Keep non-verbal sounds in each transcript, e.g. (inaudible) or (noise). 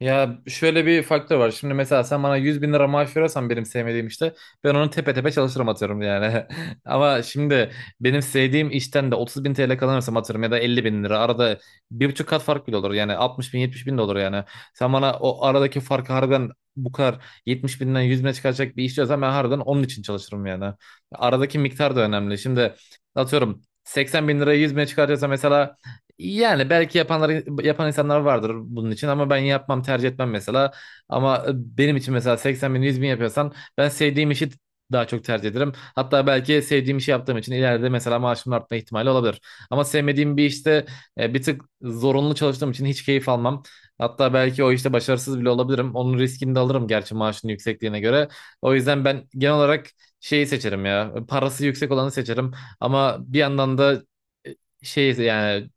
Ya, şöyle bir faktör var. Şimdi mesela sen bana 100 bin lira maaş verirsen benim sevmediğim işte ben onu tepe tepe çalışırım atıyorum yani. (laughs) Ama şimdi benim sevdiğim işten de 30 bin TL kazanırsam atıyorum ya da 50 bin lira, arada 1,5 kat fark bile olur yani, 60 bin 70 bin de olur yani. Sen bana o aradaki farkı harbiden bu kadar 70 binden 100 bine çıkaracak bir iş diyorsan ben harbiden onun için çalışırım yani. Aradaki miktar da önemli. Şimdi atıyorum 80 bin lirayı 100 bine çıkaracaksa mesela, yani belki yapanlar yapan insanlar vardır bunun için ama ben yapmam, tercih etmem mesela. Ama benim için mesela 80 bin 100 bin yapıyorsan ben sevdiğim işi daha çok tercih ederim. Hatta belki sevdiğim işi yaptığım için ileride mesela maaşımın artma ihtimali olabilir. Ama sevmediğim bir işte bir tık zorunlu çalıştığım için hiç keyif almam. Hatta belki o işte başarısız bile olabilirim. Onun riskini de alırım, gerçi maaşın yüksekliğine göre. O yüzden ben genel olarak şeyi seçerim ya. Parası yüksek olanı seçerim. Ama bir yandan da e, şey yani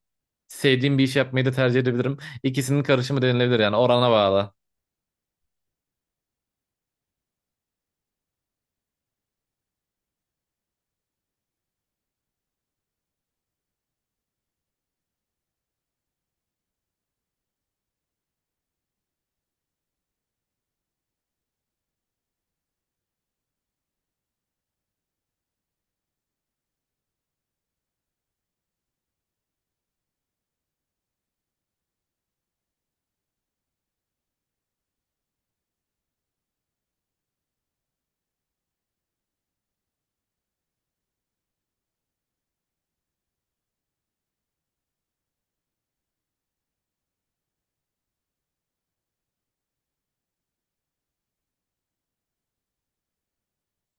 sevdiğim bir iş yapmayı da tercih edebilirim. İkisinin karışımı denilebilir yani, orana bağlı.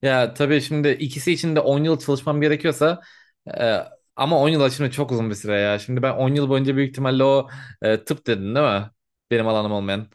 Ya tabii şimdi ikisi için de 10 yıl çalışmam gerekiyorsa, e, ama 10 yıl aslında çok uzun bir süre ya. Şimdi ben 10 yıl boyunca büyük ihtimalle o, tıp dedin değil mi? Benim alanım olmayan.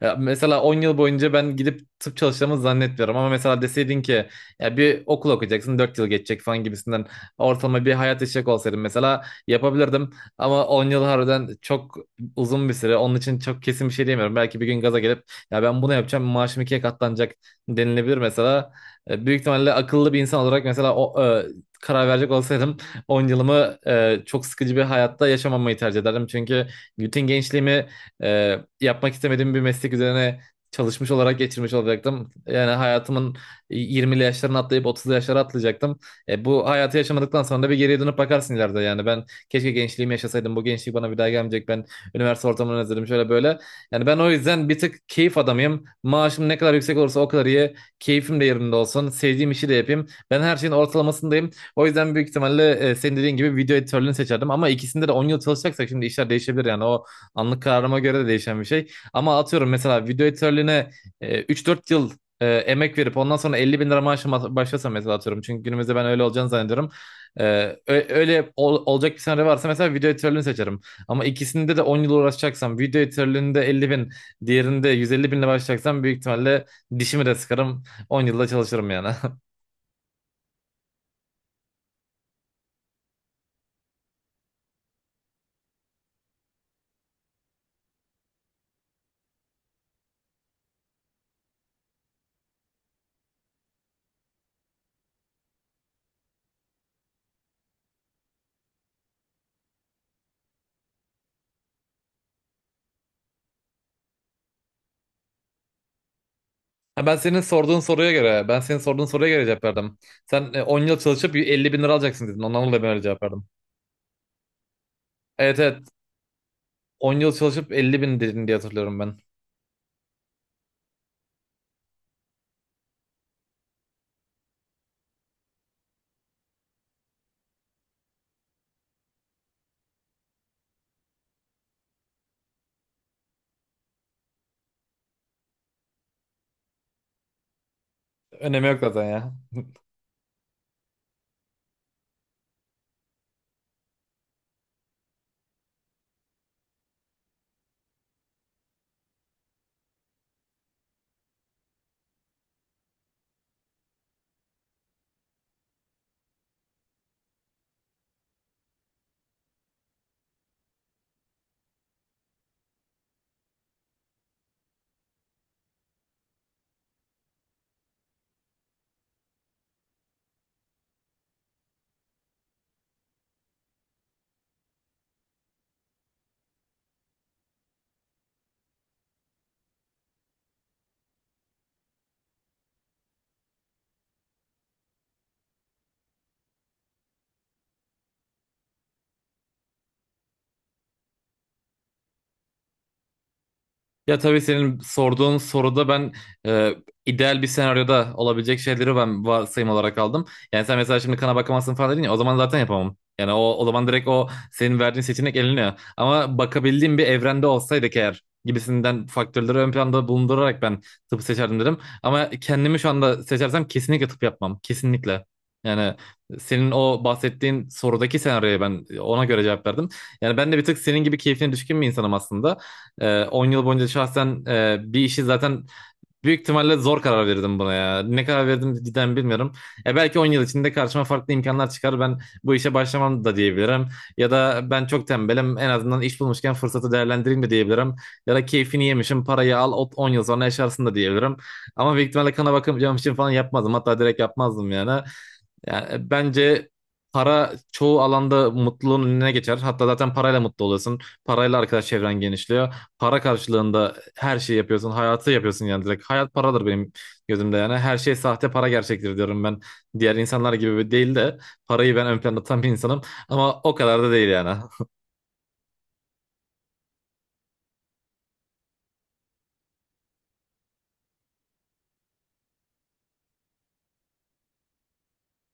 Ya mesela 10 yıl boyunca ben gidip tıp çalışacağımı zannetmiyorum, ama mesela deseydin ki ya bir okul okuyacaksın, 4 yıl geçecek falan gibisinden, ortalama bir hayat yaşayacak olsaydım mesela yapabilirdim. Ama 10 yıl harbiden çok uzun bir süre, onun için çok kesin bir şey diyemiyorum. Belki bir gün gaza gelip, ya ben bunu yapacağım, maaşım 2'ye katlanacak denilebilir mesela. Büyük ihtimalle akıllı bir insan olarak mesela o, karar verecek olsaydım 10 yılımı çok sıkıcı bir hayatta yaşamamayı tercih ederdim. Çünkü bütün gençliğimi yapmak istemediğim bir meslek üzerine çalışmış olarak geçirmiş olacaktım. Yani hayatımın 20'li yaşlarını atlayıp 30'lu yaşlara atlayacaktım. Bu hayatı yaşamadıktan sonra da bir geriye dönüp bakarsın ileride yani. Ben keşke gençliğimi yaşasaydım. Bu gençlik bana bir daha gelmeyecek. Ben üniversite ortamını özledim, şöyle böyle. Yani ben o yüzden bir tık keyif adamıyım. Maaşım ne kadar yüksek olursa o kadar iyi. Keyfim de yerinde olsun. Sevdiğim işi de yapayım. Ben her şeyin ortalamasındayım. O yüzden büyük ihtimalle senin dediğin gibi video editörlüğünü seçerdim. Ama ikisinde de 10 yıl çalışacaksak şimdi işler değişebilir yani. O anlık kararıma göre de değişen bir şey. Ama atıyorum mesela video editörlüğüne 3-4 yıl emek verip ondan sonra 50 bin lira maaşla başlasam mesela, atıyorum. Çünkü günümüzde ben öyle olacağını zannediyorum. E, öyle olacak bir senaryo varsa mesela video editörlüğünü seçerim. Ama ikisinde de 10 yıl uğraşacaksam, video editörlüğünde 50 bin, diğerinde 150 binle başlayacaksam, büyük ihtimalle dişimi de sıkarım, 10 yılda çalışırım yani. (laughs) Ha, ben senin sorduğun soruya göre cevap verdim. Sen 10 yıl çalışıp 50 bin lira alacaksın dedin. Ondan dolayı ben öyle cevap verdim. Evet, evet. 10 yıl çalışıp 50 bin dedin diye hatırlıyorum ben. Önemi yok zaten ya. Ya tabii senin sorduğun soruda ben, e, ideal bir senaryoda olabilecek şeyleri ben varsayım olarak aldım. Yani sen mesela şimdi kana bakamazsın falan dedin ya, o zaman zaten yapamam. Yani o zaman direkt o senin verdiğin seçenek eleniyor. Ama bakabildiğim bir evrende olsaydık eğer gibisinden faktörleri ön planda bulundurarak ben tıp seçerdim dedim. Ama kendimi şu anda seçersem kesinlikle tıp yapmam. Kesinlikle. Yani senin o bahsettiğin sorudaki senaryoya ben ona göre cevap verdim. Yani ben de bir tık senin gibi keyfine düşkün bir insanım aslında. 10 yıl boyunca şahsen bir işi zaten büyük ihtimalle zor karar verirdim buna ya. Ne karar verdim cidden bilmiyorum. Belki 10 yıl içinde karşıma farklı imkanlar çıkar. Ben bu işe başlamam da diyebilirim. Ya da ben çok tembelim, en azından iş bulmuşken fırsatı değerlendireyim de diyebilirim. Ya da keyfini yemişim, parayı al, 10 yıl sonra yaşarsın da diyebilirim. Ama büyük ihtimalle kana bakacağım için falan yapmazdım. Hatta direkt yapmazdım yani. Yani bence para çoğu alanda mutluluğun önüne geçer. Hatta zaten parayla mutlu oluyorsun. Parayla arkadaş çevren genişliyor, para karşılığında her şeyi yapıyorsun. Hayatı yapıyorsun yani, direkt. Hayat paradır benim gözümde yani. Her şey sahte, para gerçektir diyorum ben. Diğer insanlar gibi değil de, parayı ben ön planda tutan bir insanım. Ama o kadar da değil yani.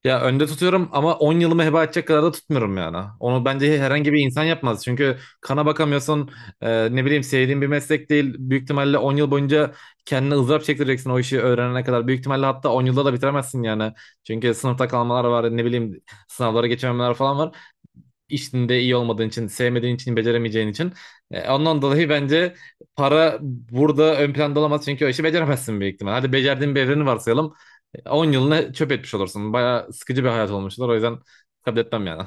Ya, önde tutuyorum ama 10 yılımı heba edecek kadar da tutmuyorum yani. Onu bence herhangi bir insan yapmaz. Çünkü kana bakamıyorsun. Ne bileyim, sevdiğin bir meslek değil. Büyük ihtimalle 10 yıl boyunca kendine ızdırap çektireceksin o işi öğrenene kadar. Büyük ihtimalle hatta 10 yılda da bitiremezsin yani. Çünkü sınıfta kalmalar var. Ne bileyim, sınavlara geçememeler falan var. İşinde iyi olmadığın için, sevmediğin için, beceremeyeceğin için. Ondan dolayı bence para burada ön planda olamaz, çünkü o işi beceremezsin büyük ihtimal. Hadi becerdiğin bir evreni varsayalım. 10 yılını çöp etmiş olursun. Bayağı sıkıcı bir hayat olmuşlar. O yüzden kabul etmem yani.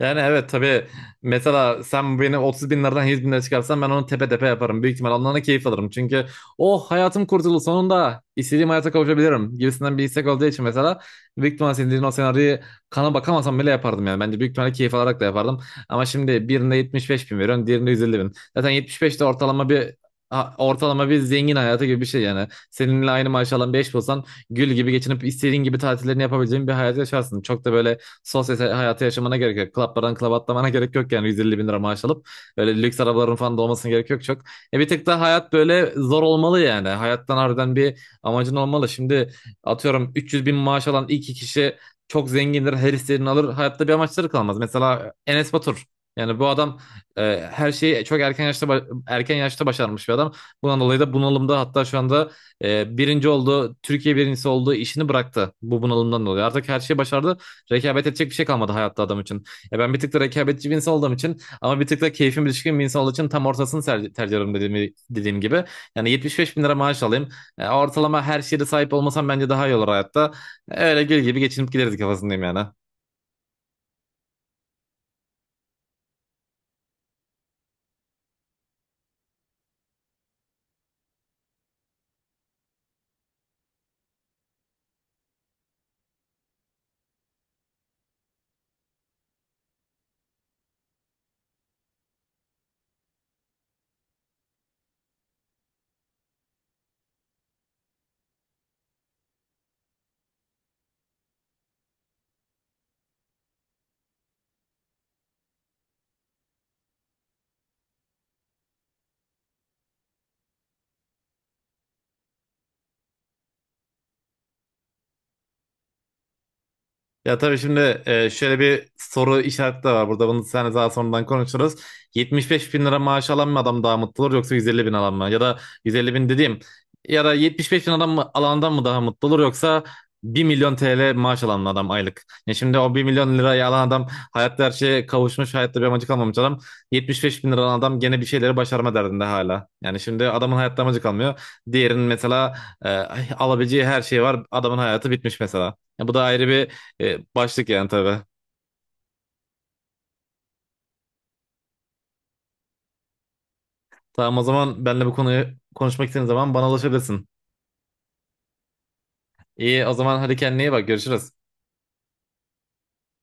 Yani evet, tabii mesela sen beni 30 bin liradan 100 bin lira çıkarsan ben onu tepe tepe yaparım. Büyük ihtimal ondan da keyif alırım. Çünkü oh, hayatım kurtuldu, sonunda istediğim hayata kavuşabilirim gibisinden bir istek olduğu için mesela, büyük ihtimal senin dediğin o senaryoyu kana bakamasam bile yapardım yani. Bence büyük ihtimalle keyif alarak da yapardım. Ama şimdi birinde 75 bin veriyorum, diğerinde 150 bin. Zaten 75 de ortalama bir, ortalama bir zengin hayatı gibi bir şey yani. Seninle aynı maaş alan bir eş bulsan gül gibi geçinip istediğin gibi tatillerini yapabileceğin bir hayat yaşarsın. Çok da böyle sosyal hayatı yaşamana gerek yok. Klaplardan klaba atlamana gerek yok yani 150 bin lira maaş alıp. Böyle lüks arabaların falan da olmasına gerek yok çok. Bir tık da hayat böyle zor olmalı yani. Hayattan harbiden bir amacın olmalı. Şimdi atıyorum 300 bin maaş alan iki kişi çok zengindir. Her istediğini alır. Hayatta bir amaçları kalmaz. Mesela Enes Batur. Yani bu adam, her şeyi çok erken yaşta başarmış bir adam. Bundan dolayı da bunalımda, hatta şu anda, birinci oldu, Türkiye birincisi oldu, işini bıraktı bu bunalımdan dolayı. Artık her şeyi başardı. Rekabet edecek bir şey kalmadı hayatta adam için. Ya ben bir tık da rekabetçi bir insan olduğum için, ama bir tık da keyfim düşkün bir insan olduğu için tam ortasını tercih ederim dediğim gibi. Yani 75 bin lira maaş alayım. Ortalama her şeye de sahip olmasam bence daha iyi olur hayatta. Öyle gül gibi geçinip gideriz kafasındayım yani. Ya tabii şimdi, şöyle bir soru işareti de var burada. Bunu sen daha sonradan konuşuruz. 75 bin lira maaş alan mı adam daha mutlu olur, yoksa 150 bin alan mı? Ya da 150 bin dediğim, ya da 75 bin adam mı, alandan mı daha mutlu olur, yoksa 1 milyon TL maaş alan mı adam, aylık? Ya şimdi o 1 milyon lirayı alan adam hayatta her şeye kavuşmuş, hayatta bir amacı kalmamış adam. 75 bin lira alan adam gene bir şeyleri başarma derdinde hala. Yani şimdi adamın hayatta amacı kalmıyor. Diğerinin mesela, e, alabileceği her şey var. Adamın hayatı bitmiş mesela. Ya bu da ayrı bir, başlık yani tabii. Tamam, o zaman benle bu konuyu konuşmak istediğin zaman bana ulaşabilirsin. İyi, o zaman hadi kendine iyi bak, görüşürüz.